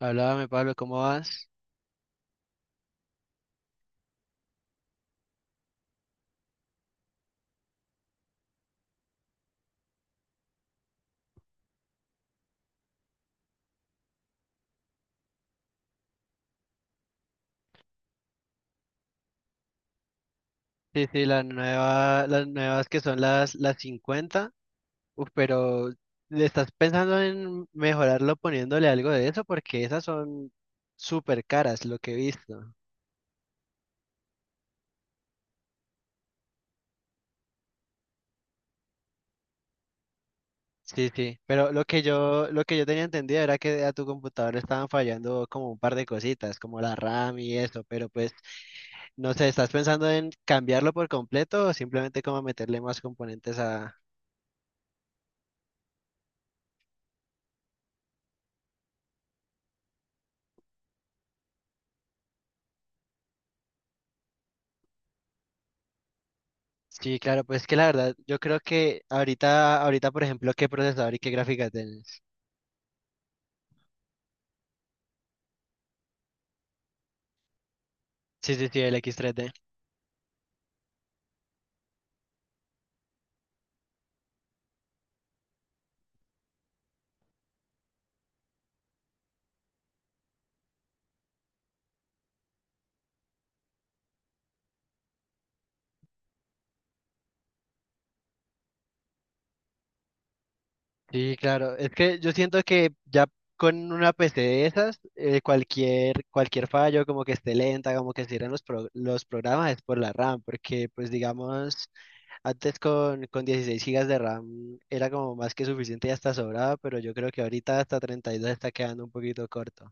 Háblame, Pablo, ¿cómo vas? Sí, sí, la nueva, las nuevas que son las 50. Uf, pero ¿le estás pensando en mejorarlo poniéndole algo de eso? Porque esas son súper caras, lo que he visto. Sí, sí, pero lo que yo tenía entendido era que a tu computador le estaban fallando como un par de cositas, como la RAM y eso, pero pues, no sé, ¿estás pensando en cambiarlo por completo o simplemente como meterle más componentes a? Sí, claro, pues que la verdad, yo creo que ahorita, por ejemplo, ¿qué procesador y qué gráfica tienes? Sí, sí, sí, el X3D. Sí, claro, es que yo siento que ya con una PC de esas, cualquier fallo, como que esté lenta, como que cierren los programas, es por la RAM, porque pues digamos, antes con 16 gigas de RAM era como más que suficiente y hasta sobraba, pero yo creo que ahorita hasta 32 está quedando un poquito corto.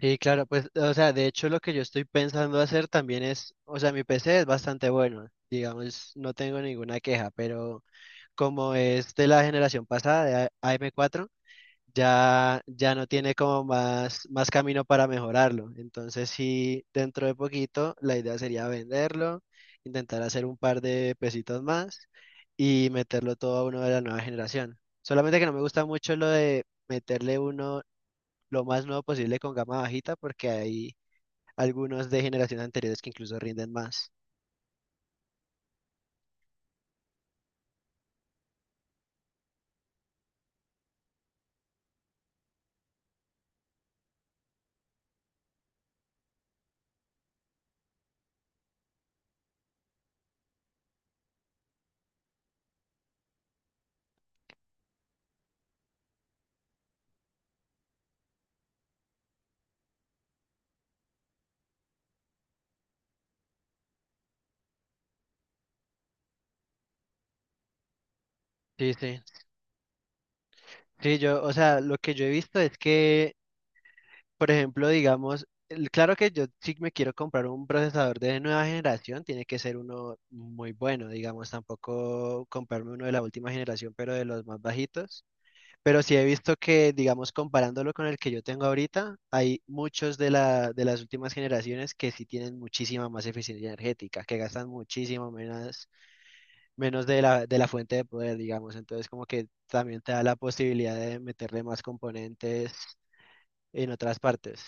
Sí, claro, pues, o sea, de hecho lo que yo estoy pensando hacer también es, o sea, mi PC es bastante bueno, digamos, no tengo ninguna queja, pero como es de la generación pasada, de AM4, ya, ya no tiene como más camino para mejorarlo. Entonces, sí, dentro de poquito, la idea sería venderlo, intentar hacer un par de pesitos más y meterlo todo a uno de la nueva generación. Solamente que no me gusta mucho lo de meterle uno lo más nuevo posible con gama bajita porque hay algunos de generaciones anteriores que incluso rinden más. Sí, sí. Sí, yo, o sea, lo que yo he visto es que, por ejemplo, digamos, claro que yo si me quiero comprar un procesador de nueva generación, tiene que ser uno muy bueno, digamos, tampoco comprarme uno de la última generación, pero de los más bajitos. Pero sí he visto que, digamos, comparándolo con el que yo tengo ahorita, hay muchos de las últimas generaciones que sí tienen muchísima más eficiencia energética, que gastan muchísimo menos de la fuente de poder, digamos. Entonces, como que también te da la posibilidad de meterle más componentes en otras partes.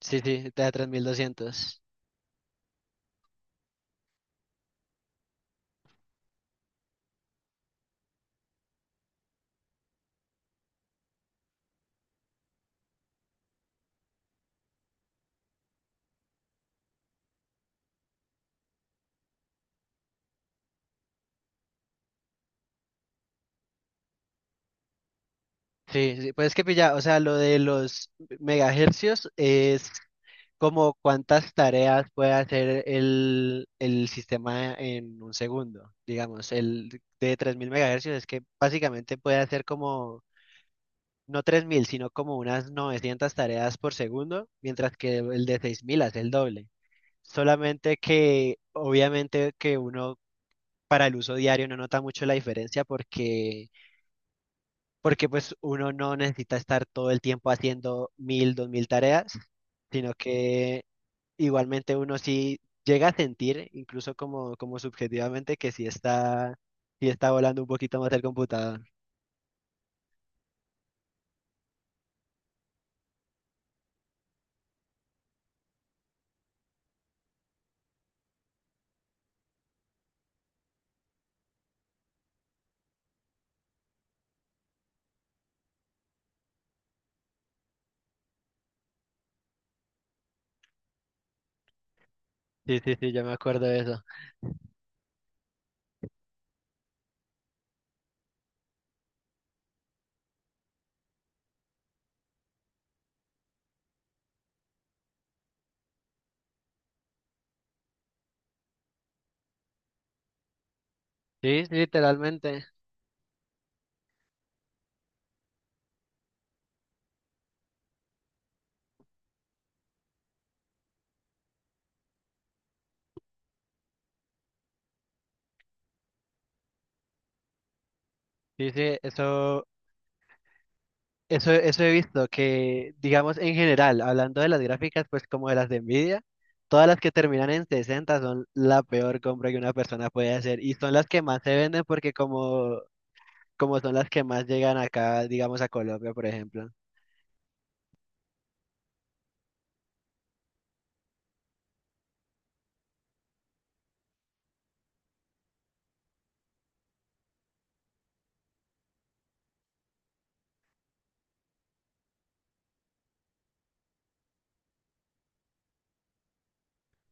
Sí, sí, te da 3200. Sí, sí, pues es que pilla, o sea, lo de los megahercios es como cuántas tareas puede hacer el sistema en un segundo. Digamos, el de 3000 megahercios es que básicamente puede hacer como, no 3000 sino como unas 900 tareas por segundo, mientras que el de 6000 hace el doble. Solamente que obviamente que uno para el uso diario no nota mucho la diferencia porque, pues uno no necesita estar todo el tiempo haciendo 1000 2000 tareas sino que igualmente uno sí llega a sentir, incluso como, subjetivamente, que sí está volando un poquito más el computador. Sí, sí, sí, yo me acuerdo de eso. Sí, sí, literalmente. Sí, sí, eso he visto, que digamos en general, hablando de las gráficas, pues como de las de Nvidia, todas las que terminan en 60 son la peor compra que una persona puede hacer y son las que más se venden porque como son las que más llegan acá, digamos a Colombia, por ejemplo.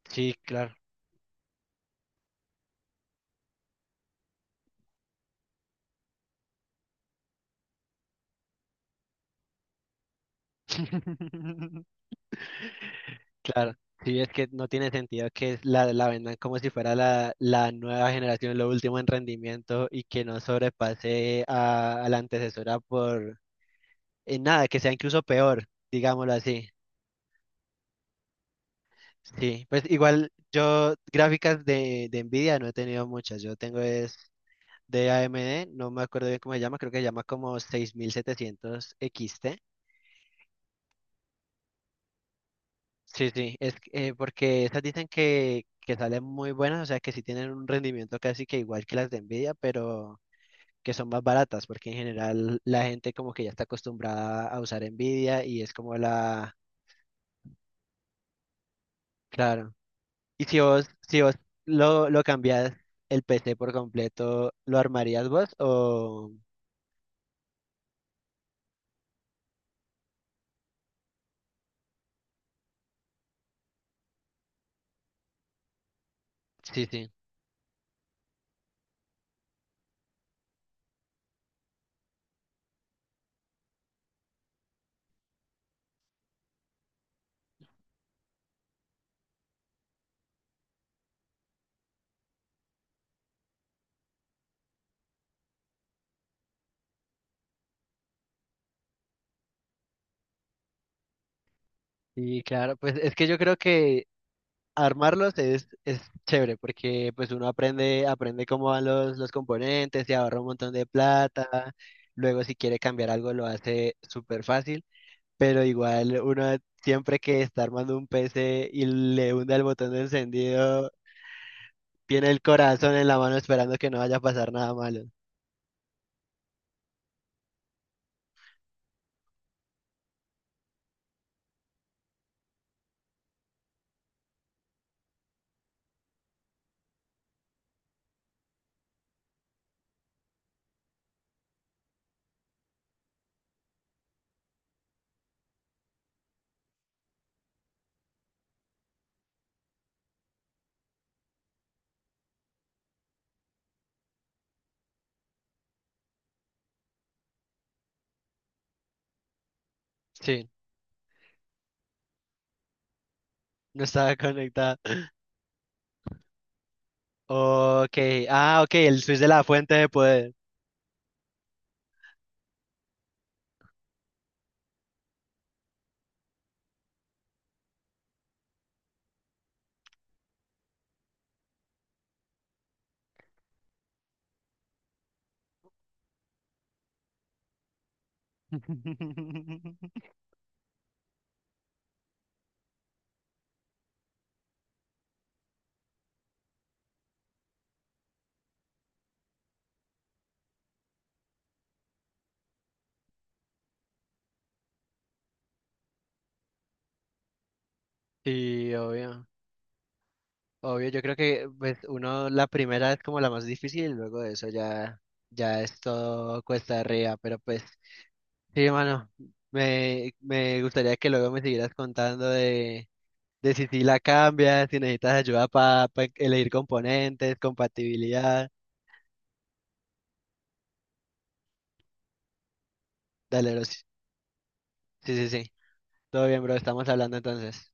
Sí, claro. Claro, sí, es que no tiene sentido que la vendan como si fuera la nueva generación, lo último en rendimiento y que no sobrepase a la antecesora por en nada, que sea incluso peor, digámoslo así. Sí, pues igual yo gráficas de Nvidia no he tenido muchas, yo tengo es de AMD, no me acuerdo bien cómo se llama, creo que se llama como 6700 XT. Sí, sí, es que, porque estas dicen que salen muy buenas, o sea que sí tienen un rendimiento casi que igual que las de Nvidia, pero que son más baratas, porque en general la gente como que ya está acostumbrada a usar Nvidia y es como claro. Y si vos lo cambias el PC por completo, ¿lo armarías vos? O sí, sí. Y claro, pues es que yo creo que armarlos es chévere porque pues uno aprende cómo van los componentes, y ahorra un montón de plata, luego si quiere cambiar algo lo hace súper fácil, pero igual uno siempre que está armando un PC y le hunde el botón de encendido, tiene el corazón en la mano esperando que no vaya a pasar nada malo. Sí, no estaba conectada. Ok, ah, ok, el switch de la fuente de poder. Sí, obvio. Obvio, yo creo que pues uno la primera es como la más difícil, luego de eso ya, ya es todo cuesta arriba, pero pues sí, hermano, me gustaría que luego me siguieras contando de si sí la cambias, si necesitas ayuda para elegir componentes, compatibilidad, dale, bro, sí, sí, sí, sí. Todo bien, bro, estamos hablando entonces.